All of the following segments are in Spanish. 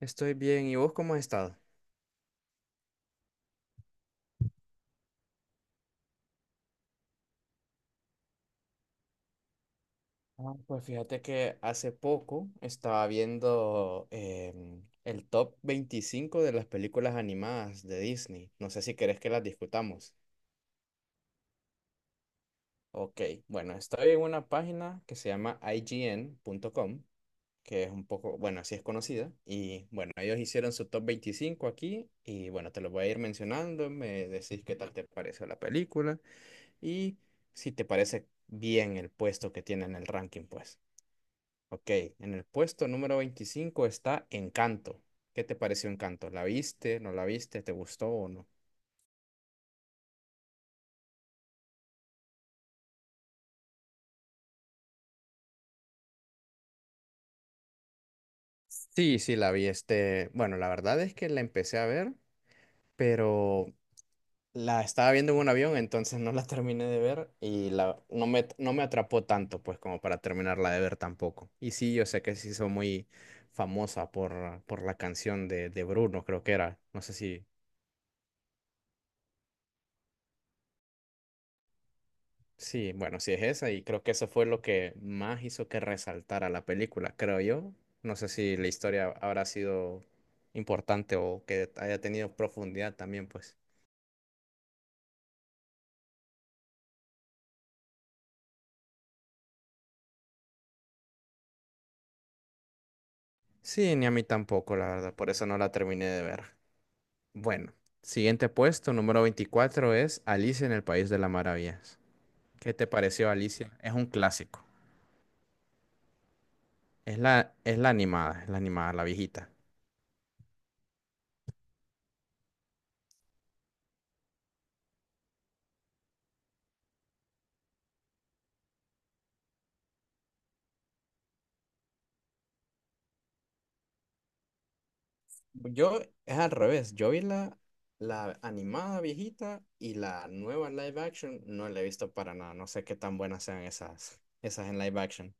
Estoy bien. ¿Y vos cómo has estado? Ah, pues fíjate que hace poco estaba viendo el top 25 de las películas animadas de Disney. No sé si querés que las discutamos. Ok, bueno, estoy en una página que se llama IGN.com, que es un poco, bueno, así es conocida. Y bueno, ellos hicieron su top 25 aquí y bueno, te lo voy a ir mencionando, me decís qué tal te pareció la película y si te parece bien el puesto que tiene en el ranking, pues. Ok, en el puesto número 25 está Encanto. ¿Qué te pareció Encanto? ¿La viste? ¿No la viste? ¿Te gustó o no? Sí, sí, la vi. Este, bueno, la verdad es que la empecé a ver, pero la estaba viendo en un avión, entonces no la terminé de ver no me atrapó tanto, pues, como para terminarla de ver tampoco. Y sí, yo sé que se hizo muy famosa por la canción de Bruno, creo que era. No sé si. Sí, bueno, sí es esa y creo que eso fue lo que más hizo que resaltara la película, creo yo. No sé si la historia habrá sido importante o que haya tenido profundidad también, pues. Sí, ni a mí tampoco, la verdad, por eso no la terminé de ver. Bueno, siguiente puesto, número 24, es Alicia en el País de las Maravillas. ¿Qué te pareció Alicia? Es un clásico. Es la animada, la viejita. Yo es al revés, la animada viejita, y la nueva live action no la he visto para nada, no sé qué tan buenas sean esas en live action.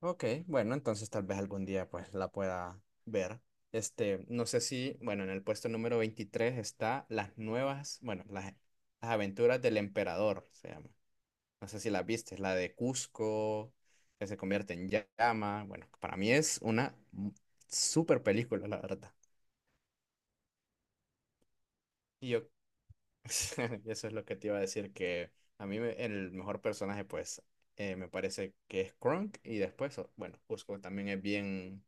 Ok, bueno, entonces tal vez algún día pues la pueda ver. Este, no sé si, bueno, en el puesto número 23 está las nuevas, bueno, las aventuras del emperador, se llama. No sé si la viste, es la de Cusco, que se convierte en llama. Bueno, para mí es una super película, la verdad. Y yo eso es lo que te iba a decir, que el mejor personaje, pues, me parece que es Krunk y después, bueno, Cusco también es bien,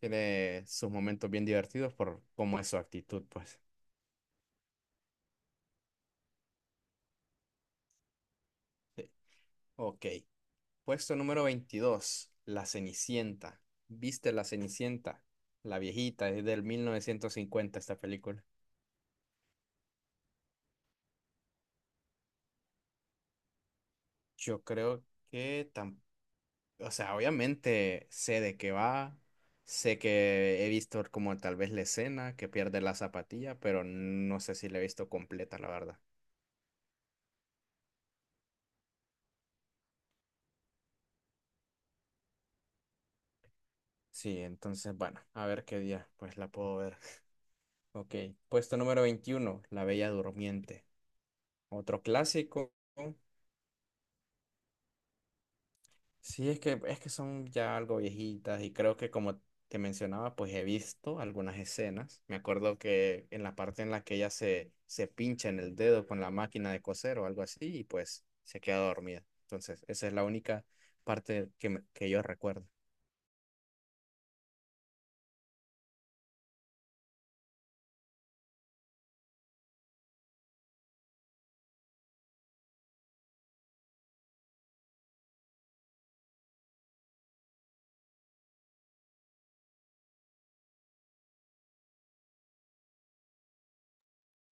tiene sus momentos bien divertidos por cómo es su actitud, pues. Sí. Ok, puesto número 22. La Cenicienta. ¿Viste La Cenicienta? La viejita, es del 1950 esta película. Yo creo que O sea, obviamente sé de qué va, sé que he visto como tal vez la escena que pierde la zapatilla, pero no sé si la he visto completa, la verdad. Sí, entonces, bueno, a ver qué día, pues la puedo ver. Ok, puesto número 21. La Bella Durmiente. Otro clásico. Sí, es que son ya algo viejitas, y creo que como te mencionaba, pues he visto algunas escenas. Me acuerdo que en la parte en la que ella se pincha en el dedo con la máquina de coser o algo así, y pues se queda dormida. Entonces, esa es la única parte que yo recuerdo.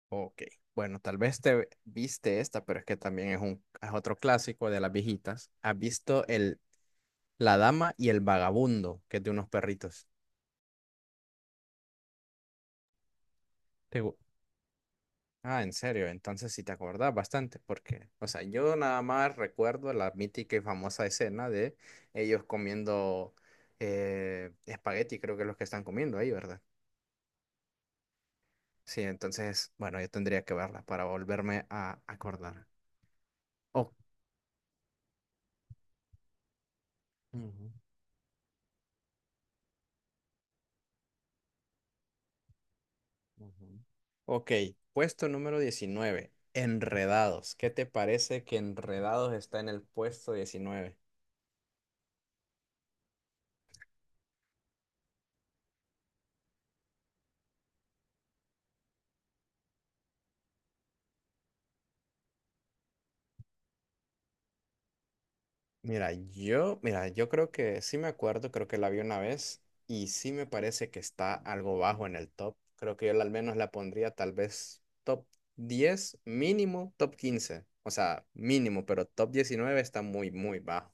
Ok, bueno, tal vez te viste esta, pero es que también es otro clásico de las viejitas. ¿Has visto el La Dama y el Vagabundo, que es de unos perritos? Ah, en serio, entonces sí te acordás bastante, porque, o sea, yo nada más recuerdo la mítica y famosa escena de ellos comiendo espagueti, creo que es lo que están comiendo ahí, ¿verdad? Sí, entonces, bueno, yo tendría que verla para volverme a acordar. Oh. Ujú, ujú. Ok, puesto número 19. Enredados. ¿Qué te parece que Enredados está en el puesto 19? Mira, yo creo que sí me acuerdo, creo que la vi una vez y sí me parece que está algo bajo en el top. Creo que yo al menos la pondría tal vez top 10, mínimo top 15, o sea, mínimo, pero top 19 está muy, muy bajo.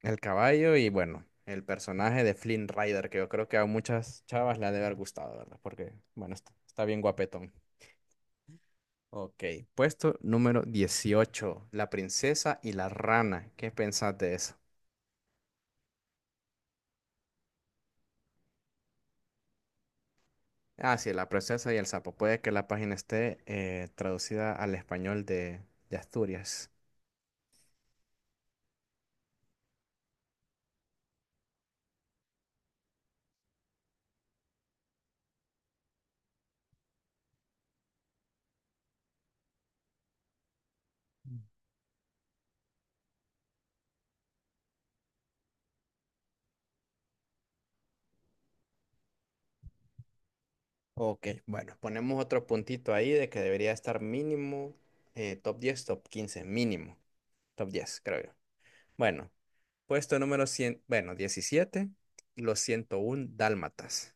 El caballo y bueno, el personaje de Flynn Rider, que yo creo que a muchas chavas le ha de haber gustado, ¿verdad? Porque, bueno, está bien guapetón. Ok, puesto número 18. La princesa y la rana. ¿Qué pensás de eso? Ah, sí, la princesa y el sapo. Puede que la página esté traducida al español de Asturias. Ok, bueno, ponemos otro puntito ahí de que debería estar mínimo top 10, top 15, mínimo. Top 10, creo yo. Bueno, 17, los 101 dálmatas.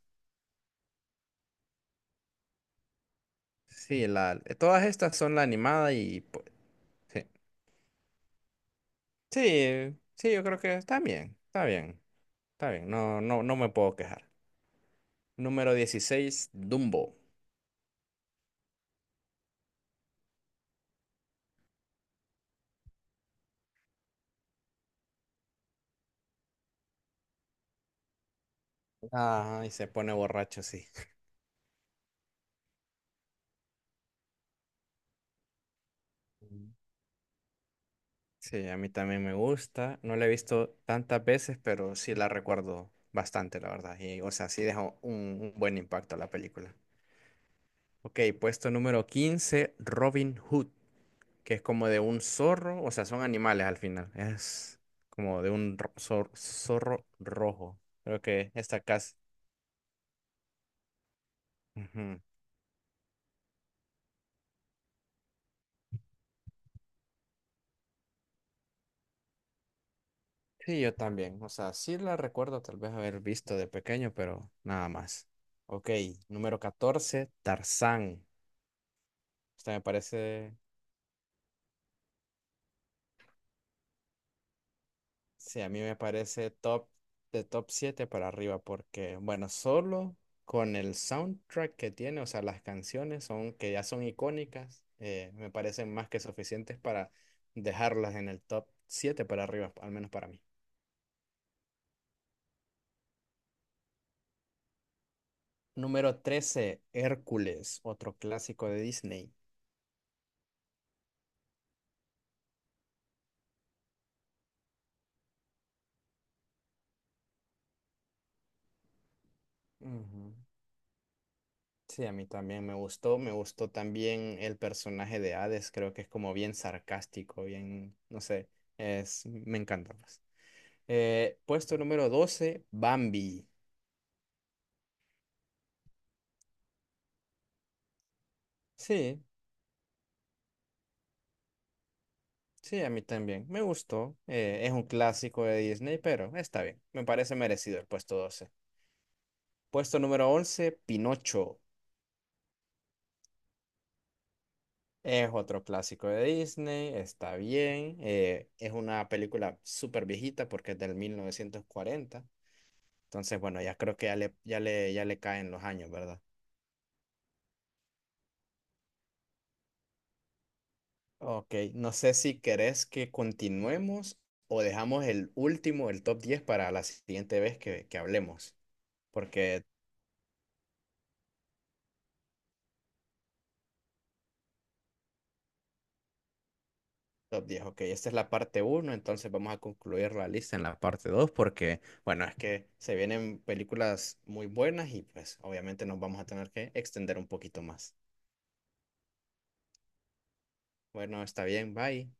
Sí, todas estas son la animada y pues, sí. Sí, sí, yo creo que está bien, está bien. No, no, no me puedo quejar. Número 16. Dumbo. Ajá, y se pone borracho, sí. Mm. Sí, a mí también me gusta. No la he visto tantas veces, pero sí la recuerdo bastante, la verdad. Y, o sea, sí deja un buen impacto la película. Ok, puesto número 15. Robin Hood, que es como de un zorro, o sea, son animales al final. Es como de un zorro rojo. Creo que esta casa. Sí, yo también. O sea, sí la recuerdo tal vez haber visto de pequeño, pero nada más. Ok, número 14. Tarzán. Esta me parece, sí, a mí me parece top de top 7 para arriba, porque, bueno, solo con el soundtrack que tiene, o sea, las canciones son, que ya son icónicas, me parecen más que suficientes para dejarlas en el top 7 para arriba, al menos para mí. Número 13. Hércules, otro clásico de Disney. Ujú. Sí, a mí también me gustó también el personaje de Hades, creo que es como bien sarcástico, bien, no sé, me encanta pues. Puesto número 12. Bambi. Sí, sí, a mí también, me gustó, es un clásico de Disney, pero está bien, me parece merecido el puesto 12. Puesto número 11. Pinocho. Es otro clásico de Disney, está bien, es una película súper viejita porque es del 1940. Entonces, bueno, ya creo que ya le caen los años, ¿verdad? Ok, no sé si querés que continuemos o dejamos el último, el top 10, para la siguiente vez que hablemos. Porque top 10, ok, esta es la parte uno, entonces vamos a concluir la lista en la parte 2 porque, bueno, es que se vienen películas muy buenas y pues obviamente nos vamos a tener que extender un poquito más. Bueno, está bien, bye.